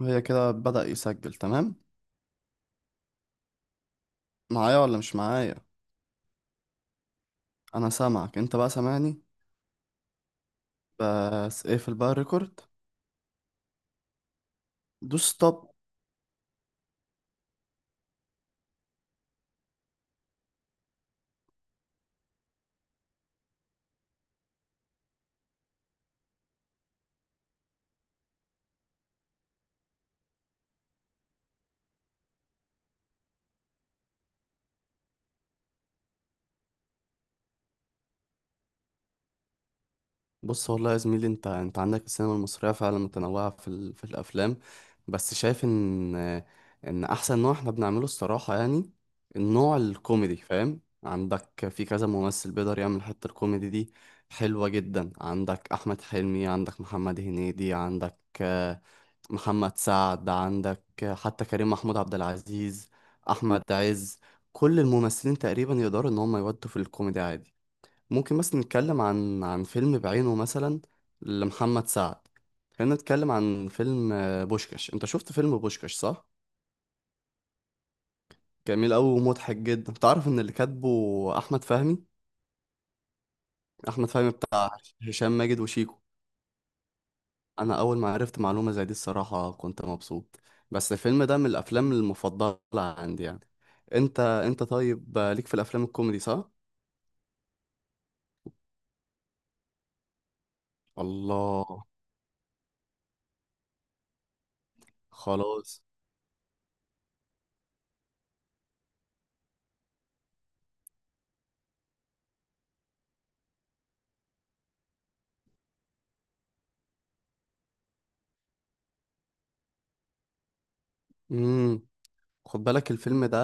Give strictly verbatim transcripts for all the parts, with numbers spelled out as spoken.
هي كده بدأ يسجل تمام؟ معايا ولا مش معايا؟ انا سامعك، انت بقى سامعني؟ بس اقفل بقى الريكورد، دوس ستوب. بص والله يا زميلي، انت انت عندك السينما المصريه فعلا متنوعه في ال... في الافلام. بس شايف ان ان احسن نوع احنا بنعمله الصراحه يعني النوع الكوميدي، فاهم؟ عندك في كذا ممثل بيقدر يعمل حتة الكوميدي دي. حلوه جدا، عندك احمد حلمي، عندك محمد هنيدي، عندك آه، محمد سعد، عندك آه، حتى كريم محمود عبد العزيز، احمد عز. كل الممثلين تقريبا يقدروا ان هم يودوا في الكوميدي عادي. ممكن مثلا نتكلم عن عن فيلم بعينه، مثلا لمحمد سعد. خلينا نتكلم عن فيلم آه، بوشكاش. انت شفت فيلم بوشكاش، صح؟ جميل قوي ومضحك جدا. تعرف ان اللي كاتبه احمد فهمي؟ احمد فهمي بتاع هشام ماجد وشيكو. انا اول ما عرفت معلومة زي دي الصراحة كنت مبسوط. بس الفيلم ده من الافلام المفضلة عندي يعني. انت انت طيب، آه، ليك في الافلام الكوميدي، صح؟ الله. خلاص. امم خد بالك الفيلم ده.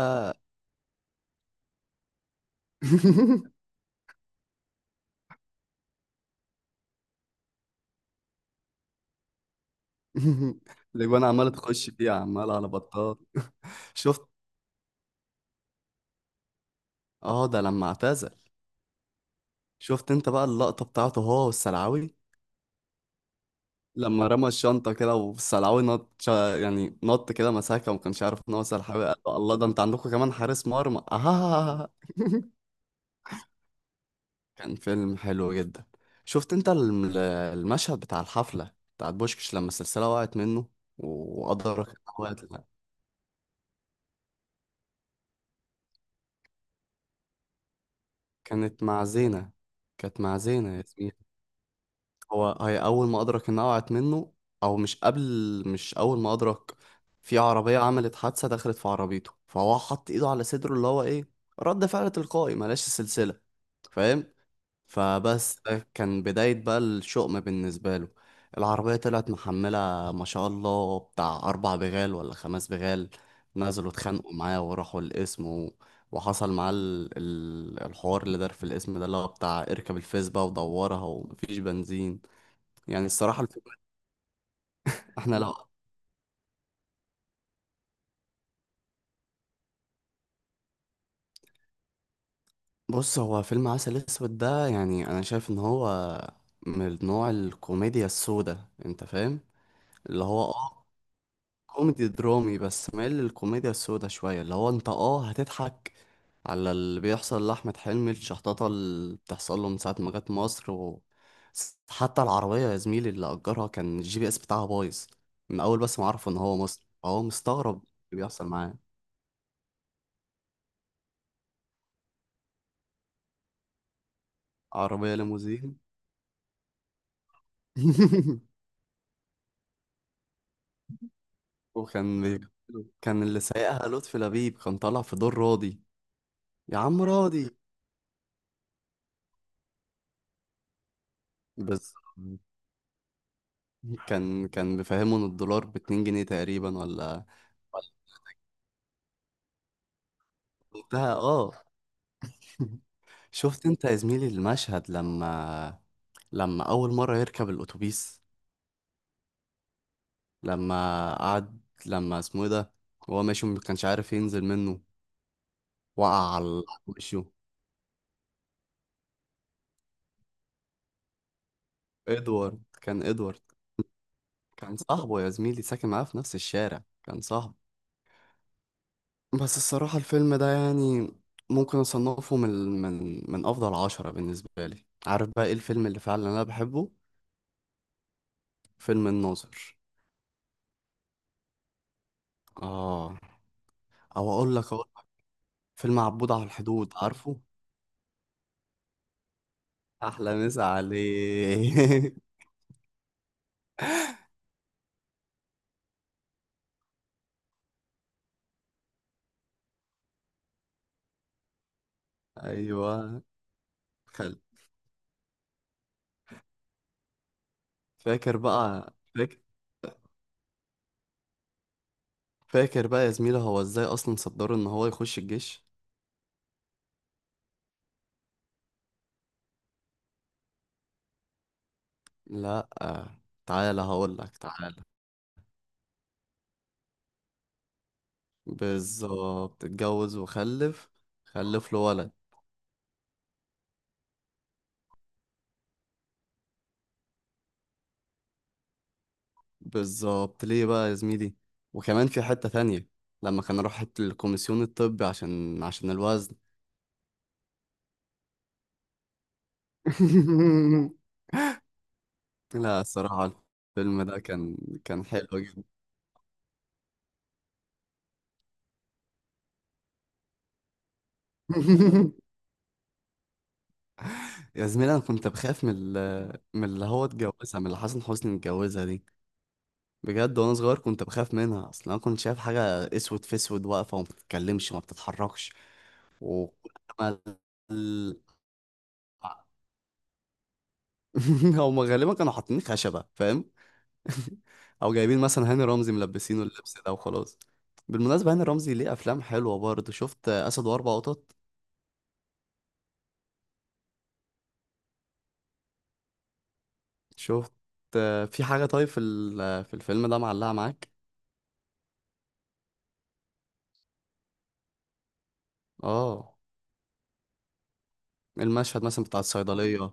الاجوان عماله تخش فيه، عمال على بطال. شفت؟ اه، ده لما اعتزل. شفت انت بقى اللقطه بتاعته هو والسلعوي؟ لما رمى الشنطه كده والسلعوي نط، شا- يعني نط كده مساكه، وما كانش عارف ان هو سلعوي، قال له الله ده انت عندكم كمان حارس مرمى؟ آه. كان فيلم حلو جدا. شفت انت الم- المشهد بتاع الحفله بتاعت بوشكش لما السلسله وقعت منه وادرك ان هو يطلع؟ كانت مع زينه. كانت مع زينه ياسمين. هو هي اول ما ادرك انها وقعت منه، او مش قبل، مش اول ما ادرك. في عربيه عملت حادثه، دخلت في عربيته، فهو حط ايده على صدره، اللي هو ايه، رد فعل تلقائي، ملاش سلسله، فاهم؟ فبس ده كان بدايه بقى الشؤم بالنسبه له. العربيه طلعت محمله ما شاء الله بتاع اربع بغال ولا خمس بغال. نزلوا اتخانقوا معاه وراحوا القسم و... وحصل معاه ال... ال- الحوار اللي دار في القسم ده، اللي هو بتاع اركب الفيسبا ودورها ومفيش بنزين. يعني الصراحة الفيلم. احنا لو. بص، هو فيلم عسل اسود ده يعني انا شايف ان هو من نوع الكوميديا السوداء، انت فاهم؟ اللي هو اه، كوميدي درامي. بس مايل للكوميديا السوداء شوية. اللي هو انت اه هتضحك على اللي بيحصل لأحمد حلمي، الشحططة اللي بتحصل له من ساعة ما جت مصر و... س- حتى العربية يا زميلي اللي أجرها كان الجي بي اس بتاعها بايظ من أول، بس ما عرفوا إن هو مصري فهو مستغرب اللي بيحصل معاه. عربية ليموزين. وكان بي... كان اللي سايقها لطفي لبيب، كان طالع في دور راضي، يا عم راضي. بس كان كان بيفهمه ان الدولار باتنين جنيه تقريبا، ولا ولا وقتها، اه. شفت انت يا زميلي المشهد، لما لما اول مره يركب الاتوبيس، لما قعد، لما اسمه ايه ده، هو ماشي ما كانش عارف ينزل منه. وقع على على وشه. ادوارد. كان ادوارد. كان صاحبه يا زميلي، ساكن معاه في نفس الشارع، كان صاحبه. بس الصراحة الفيلم ده يعني ممكن أصنفه من من من أفضل عشرة بالنسبة لي. عارف بقى إيه الفيلم اللي فعلا أنا بحبه؟ فيلم الناظر. آه. أو أقول لك، أقول فيلم عبود على الحدود، عارفه؟ أحلى مسا عليه. أيوة. خل. فاكر بقى؟ فاكر؟ فاكر بقى يا زميلة هو إزاي أصلا صدره إن هو يخش الجيش؟ لا آه. تعالى هقول لك، تعالى. بالظبط، اتجوز وخلف، خلف له ولد. بالظبط. ليه بقى يا زميلي؟ وكمان في حتة تانية لما كان راح الكوميسيون الطبي عشان عشان الوزن. لا الصراحة الفيلم ده كان، كان حلو جدا. يا زميلي انا كنت بخاف من ال- من اللي هو اتجوزها، من اللي حسن حسني اتجوزها دي. بجد وانا صغير كنت بخاف منها اصلا. انا كنت شايف حاجه اسود في اسود، واقفه وما بتتكلمش وما بتتحركش و هم غالبا كانوا حاطين خشبه، فاهم؟ او جايبين مثلا هاني رمزي ملبسينه اللبس ده وخلاص. بالمناسبة هاني رمزي ليه افلام حلوة برضه، شفت آه، اسد واربع قطط؟ شفت؟ آه، في حاجة طيب في ال- آه، في الفيلم ده معلقة معاك؟ اه، المشهد مثلا بتاع الصيدلية،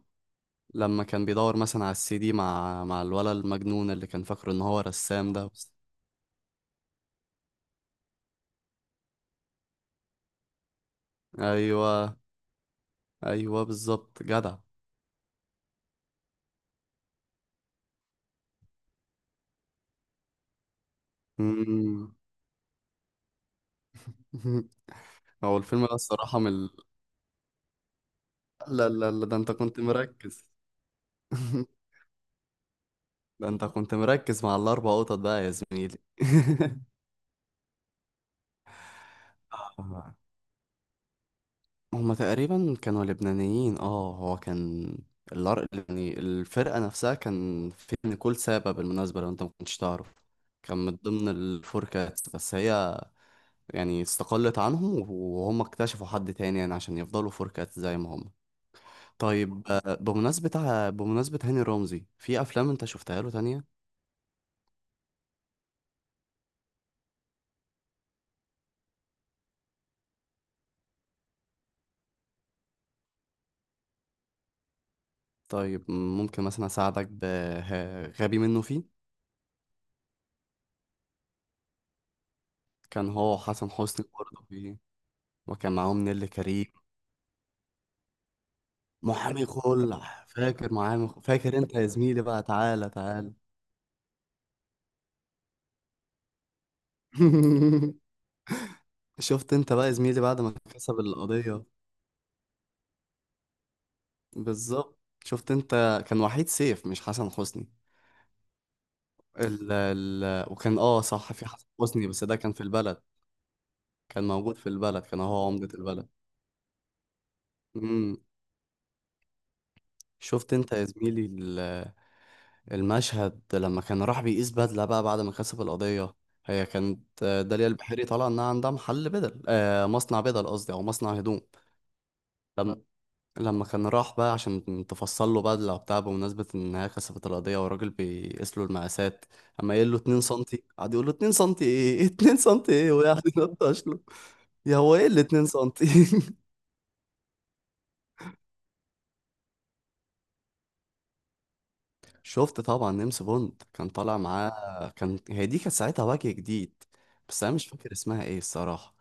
لما كان بيدور مثلا على السي دي مع مع الولد المجنون اللي كان فاكره ان هو رسام ده بس. ايوه، ايوه بالظبط جدع. مم. هو الفيلم ده الصراحة من ال- لا لا لا، ده انت كنت مركز. ده انت كنت مركز مع الاربع قطط بقى يا زميلي. آه. هما تقريبا كانوا لبنانيين، اه. هو كان الار... يعني الفرقة نفسها، كان في نيكول سابا بالمناسبة لو انت ما كنتش تعرف، كان من ضمن الفور كاتس، بس هي يعني استقلت عنهم وهم اكتشفوا حد تاني يعني عشان يفضلوا فور كاتس زي ما هم. طيب، آه، بمناسبة ع- بمناسبة هاني رمزي، في أفلام انت شفتها له تانية؟ طيب، ممكن مثلا أساعدك بغبي منه فيه؟ كان هو حسن حسني برضه فيه، وكان معاهم نيللي كريم. محامي خلع، فاكر معامي خلع. فاكر انت يا زميلي بقى؟ تعالى تعالى. شفت انت بقى يا زميلي بعد ما كسب القضية؟ بالظبط. شفت انت؟ كان وحيد سيف، مش حسن حسني. ال ال وكان اه صح في حسن حسني، بس ده كان في البلد. كان موجود في البلد، كان هو عمدة البلد. امم. شفت انت يا زميلي المشهد لما كان راح بيقيس بدلة بقى بعد ما كسب القضية؟ هي كانت آه، داليا البحيري طالعة إنها عندها محل بدل، آه مصنع بدل قصدي، أو مصنع هدوم. لما لما كان راح بقى عشان تفصل له بدلة وبتاع، بمناسبة إن هي كسبت القضية، والراجل بيقيس له المقاسات، أما يقول له اتنين سنتي، قعد يقول له اتنين سنتي إيه، اتنين سنتي إيه، وقعد ينطش له، يا هو إيه ال اتنين سنتي؟ شفت طبعا، نيمس بوند كان طالع معاه، كان هي دي كانت ساعتها وجه جديد. بس أنا مش فاكر اسمها إيه الصراحة.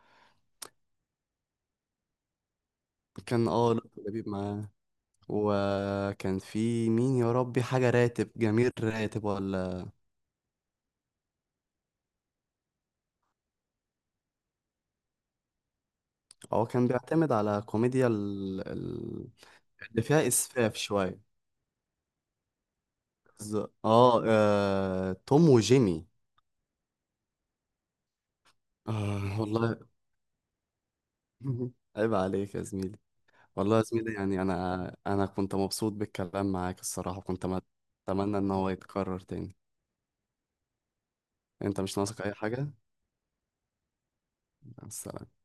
كان اه لطفي لبيب معاه، وكان في مين يا ربي، حاجة راتب، جميل راتب ولا. هو كان بيعتمد على كوميديا ال... ال... اللي فيها إسفاف شوية. ز- اه آه، توم وجيمي. آه والله. عيب عليك يا زميلي. والله يا زميلي يعني، أنا أنا كنت مبسوط بالكلام معاك الصراحة، كنت أتمنى إن هو يتكرر تاني. أنت مش ناقصك أي حاجة؟ مع السلامة.